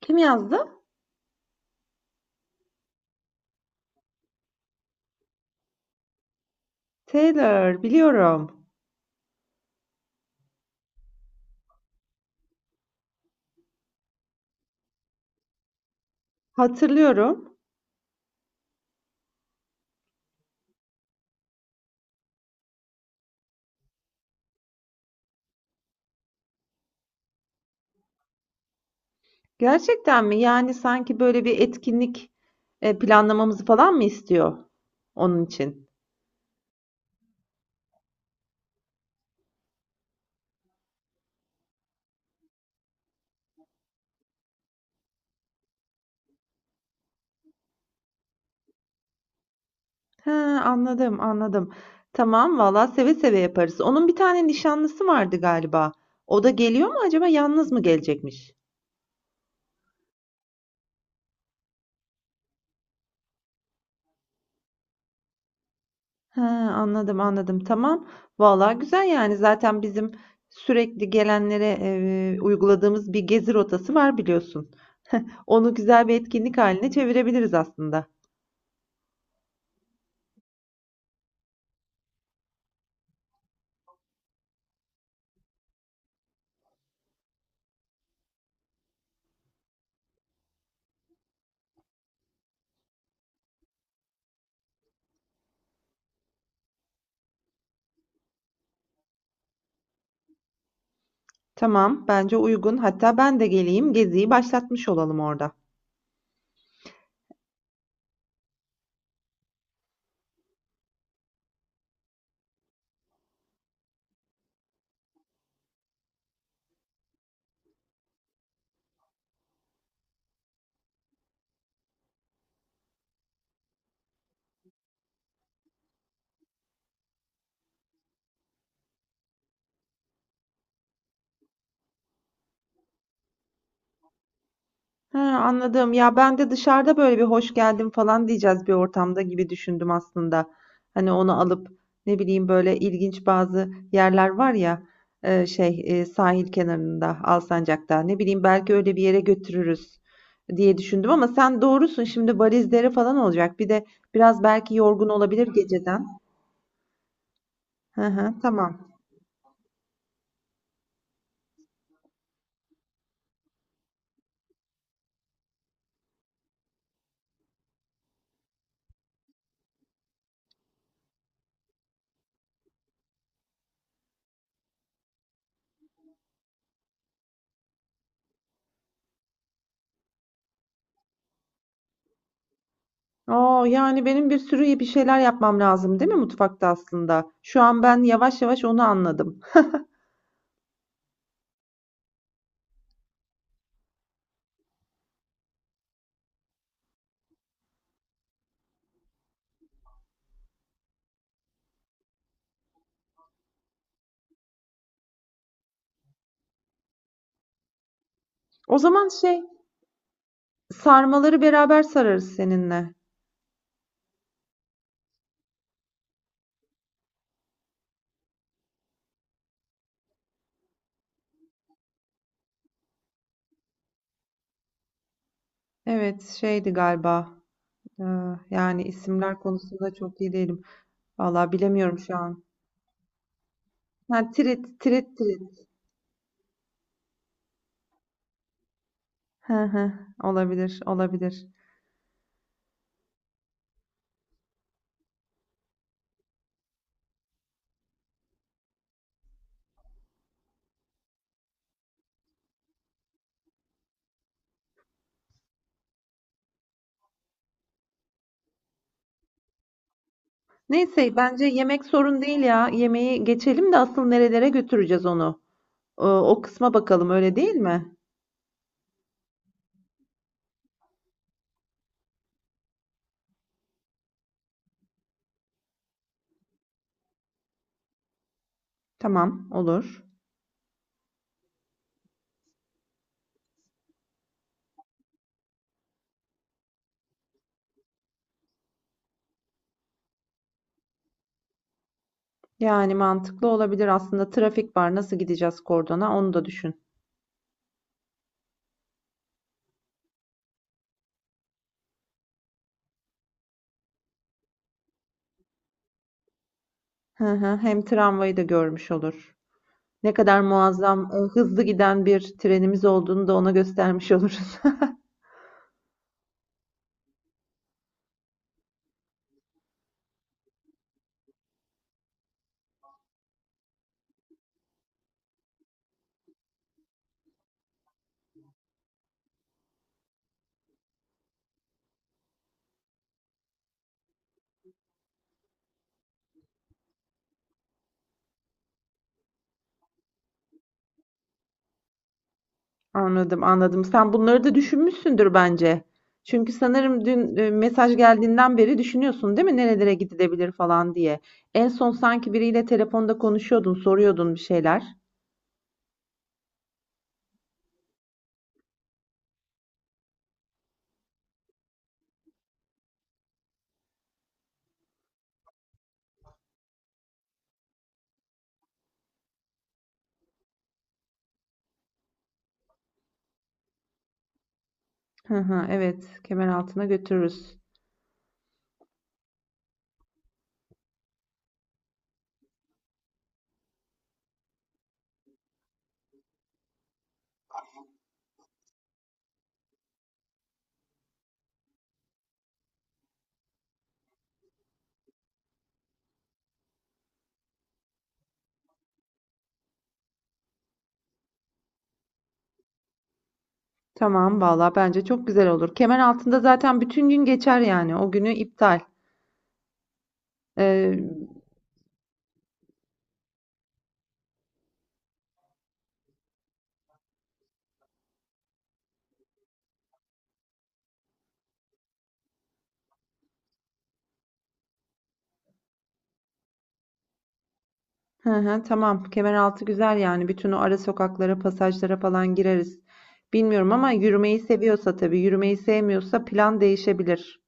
Kim yazdı? Taylor, biliyorum. Hatırlıyorum. Gerçekten mi? Yani sanki böyle bir etkinlik planlamamızı falan mı istiyor onun için? He, anladım, anladım. Tamam, valla seve seve yaparız. Onun bir tane nişanlısı vardı galiba. O da geliyor mu acaba? Yalnız mı gelecekmiş? He, anladım, anladım. Tamam. Vallahi güzel yani. Zaten bizim sürekli gelenlere uyguladığımız bir gezi rotası var biliyorsun. Onu güzel bir etkinlik haline çevirebiliriz aslında. Tamam, bence uygun. Hatta ben de geleyim, geziyi başlatmış olalım orada. Ha, anladım. Ya ben de dışarıda böyle bir hoş geldin falan diyeceğiz bir ortamda gibi düşündüm aslında. Hani onu alıp ne bileyim böyle ilginç bazı yerler var ya sahil kenarında Alsancak'ta ne bileyim belki öyle bir yere götürürüz diye düşündüm ama sen doğrusun şimdi valizleri falan olacak. Bir de biraz belki yorgun olabilir geceden. Hı hı, tamam. Oo, yani benim bir sürü bir şeyler yapmam lazım değil mi mutfakta aslında? Şu an ben yavaş yavaş onu anladım. O zaman şey sarmaları beraber sararız seninle. Evet, şeydi galiba. Ee, Yani isimler konusunda çok iyi değilim. Vallahi bilemiyorum şu an. Ha, trit, trit, trit. Hı hı, olabilir, olabilir. Neyse, bence yemek sorun değil ya. Yemeği geçelim de asıl nerelere götüreceğiz onu. O kısma bakalım, öyle değil mi? Tamam, olur. Yani mantıklı olabilir aslında. Trafik var, nasıl gideceğiz kordona? Onu da düşün. Hı hı, hem tramvayı da görmüş olur. Ne kadar muazzam, hızlı giden bir trenimiz olduğunu da ona göstermiş oluruz. Anladım, anladım. Sen bunları da düşünmüşsündür bence. Çünkü sanırım dün mesaj geldiğinden beri düşünüyorsun, değil mi? Nerelere gidilebilir falan diye. En son sanki biriyle telefonda konuşuyordun, soruyordun bir şeyler. Hı hı, evet, kemer altına götürürüz. Tamam, valla bence çok güzel olur. Kemer altında zaten bütün gün geçer yani. O günü iptal. Ee, Hı hı, tamam. Kemeraltı güzel yani. Bütün o ara sokaklara, pasajlara falan gireriz. Bilmiyorum ama yürümeyi seviyorsa tabii. Yürümeyi sevmiyorsa plan değişebilir.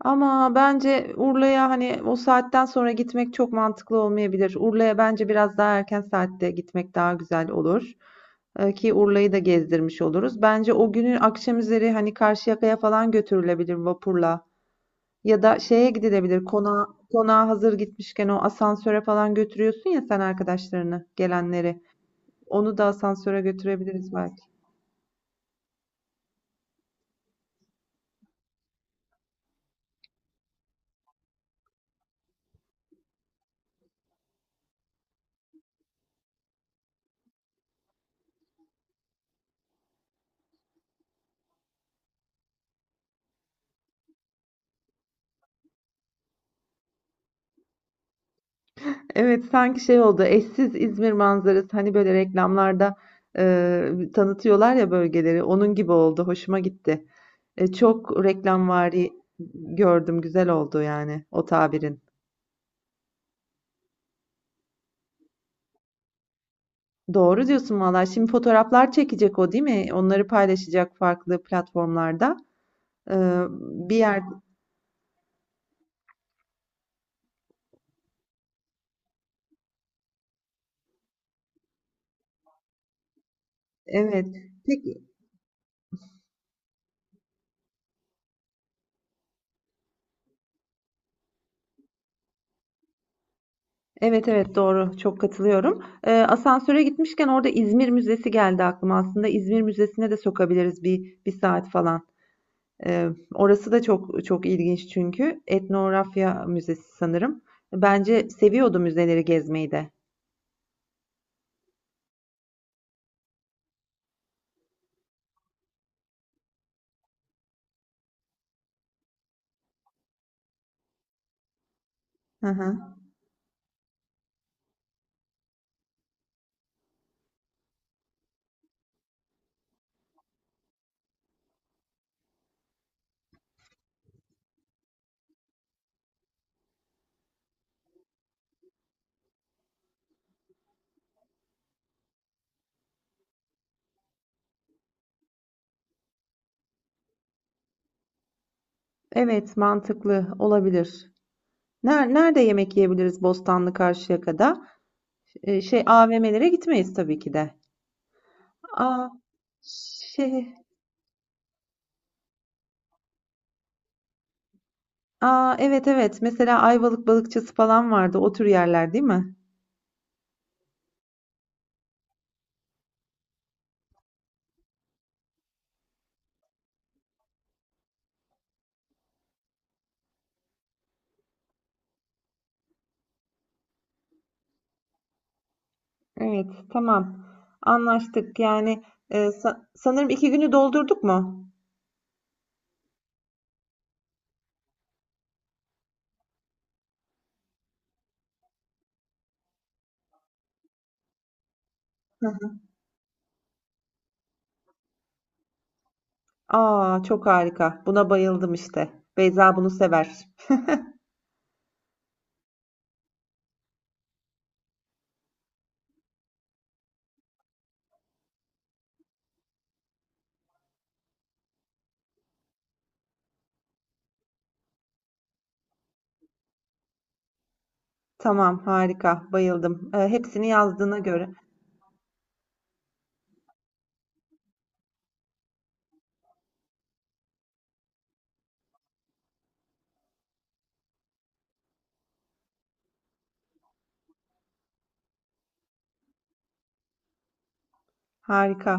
Ama bence Urla'ya hani o saatten sonra gitmek çok mantıklı olmayabilir. Urla'ya bence biraz daha erken saatte gitmek daha güzel olur. Ki Urla'yı da gezdirmiş oluruz. Bence o günün akşam üzeri hani Karşıyaka'ya falan götürülebilir vapurla. Ya da şeye gidilebilir. Konağa, konağa hazır gitmişken o asansöre falan götürüyorsun ya sen arkadaşlarını, gelenleri. Onu da asansöre götürebiliriz belki. Evet, sanki şey oldu. Eşsiz İzmir manzarası hani böyle reklamlarda e, tanıtıyorlar ya bölgeleri. Onun gibi oldu. Hoşuma gitti. E, çok reklamvari gördüm. Güzel oldu yani o tabirin. Doğru diyorsun valla. Şimdi fotoğraflar çekecek o değil mi? Onları paylaşacak farklı platformlarda. Bir yer evet. Peki. Evet, evet doğru. Çok katılıyorum. Asansöre gitmişken orada İzmir Müzesi geldi aklıma. Aslında İzmir Müzesi'ne de sokabiliriz bir saat falan. Ee, Orası da çok çok ilginç çünkü. Etnografya Müzesi sanırım. Bence seviyordu müzeleri gezmeyi de. Hı hı. Evet, mantıklı olabilir. Nerede yemek yiyebiliriz Bostanlı Karşıyaka'da? AVM'lere gitmeyiz tabii ki de. Aa, şey, Aa, evet, evet. Mesela Ayvalık Balıkçısı falan vardı. O tür yerler değil mi? Evet, tamam. Anlaştık. Yani sanırım iki günü doldurduk mu? Aa, çok harika. Buna bayıldım işte. Beyza bunu sever. Tamam, harika. Bayıldım. Hepsini yazdığına göre. Harika.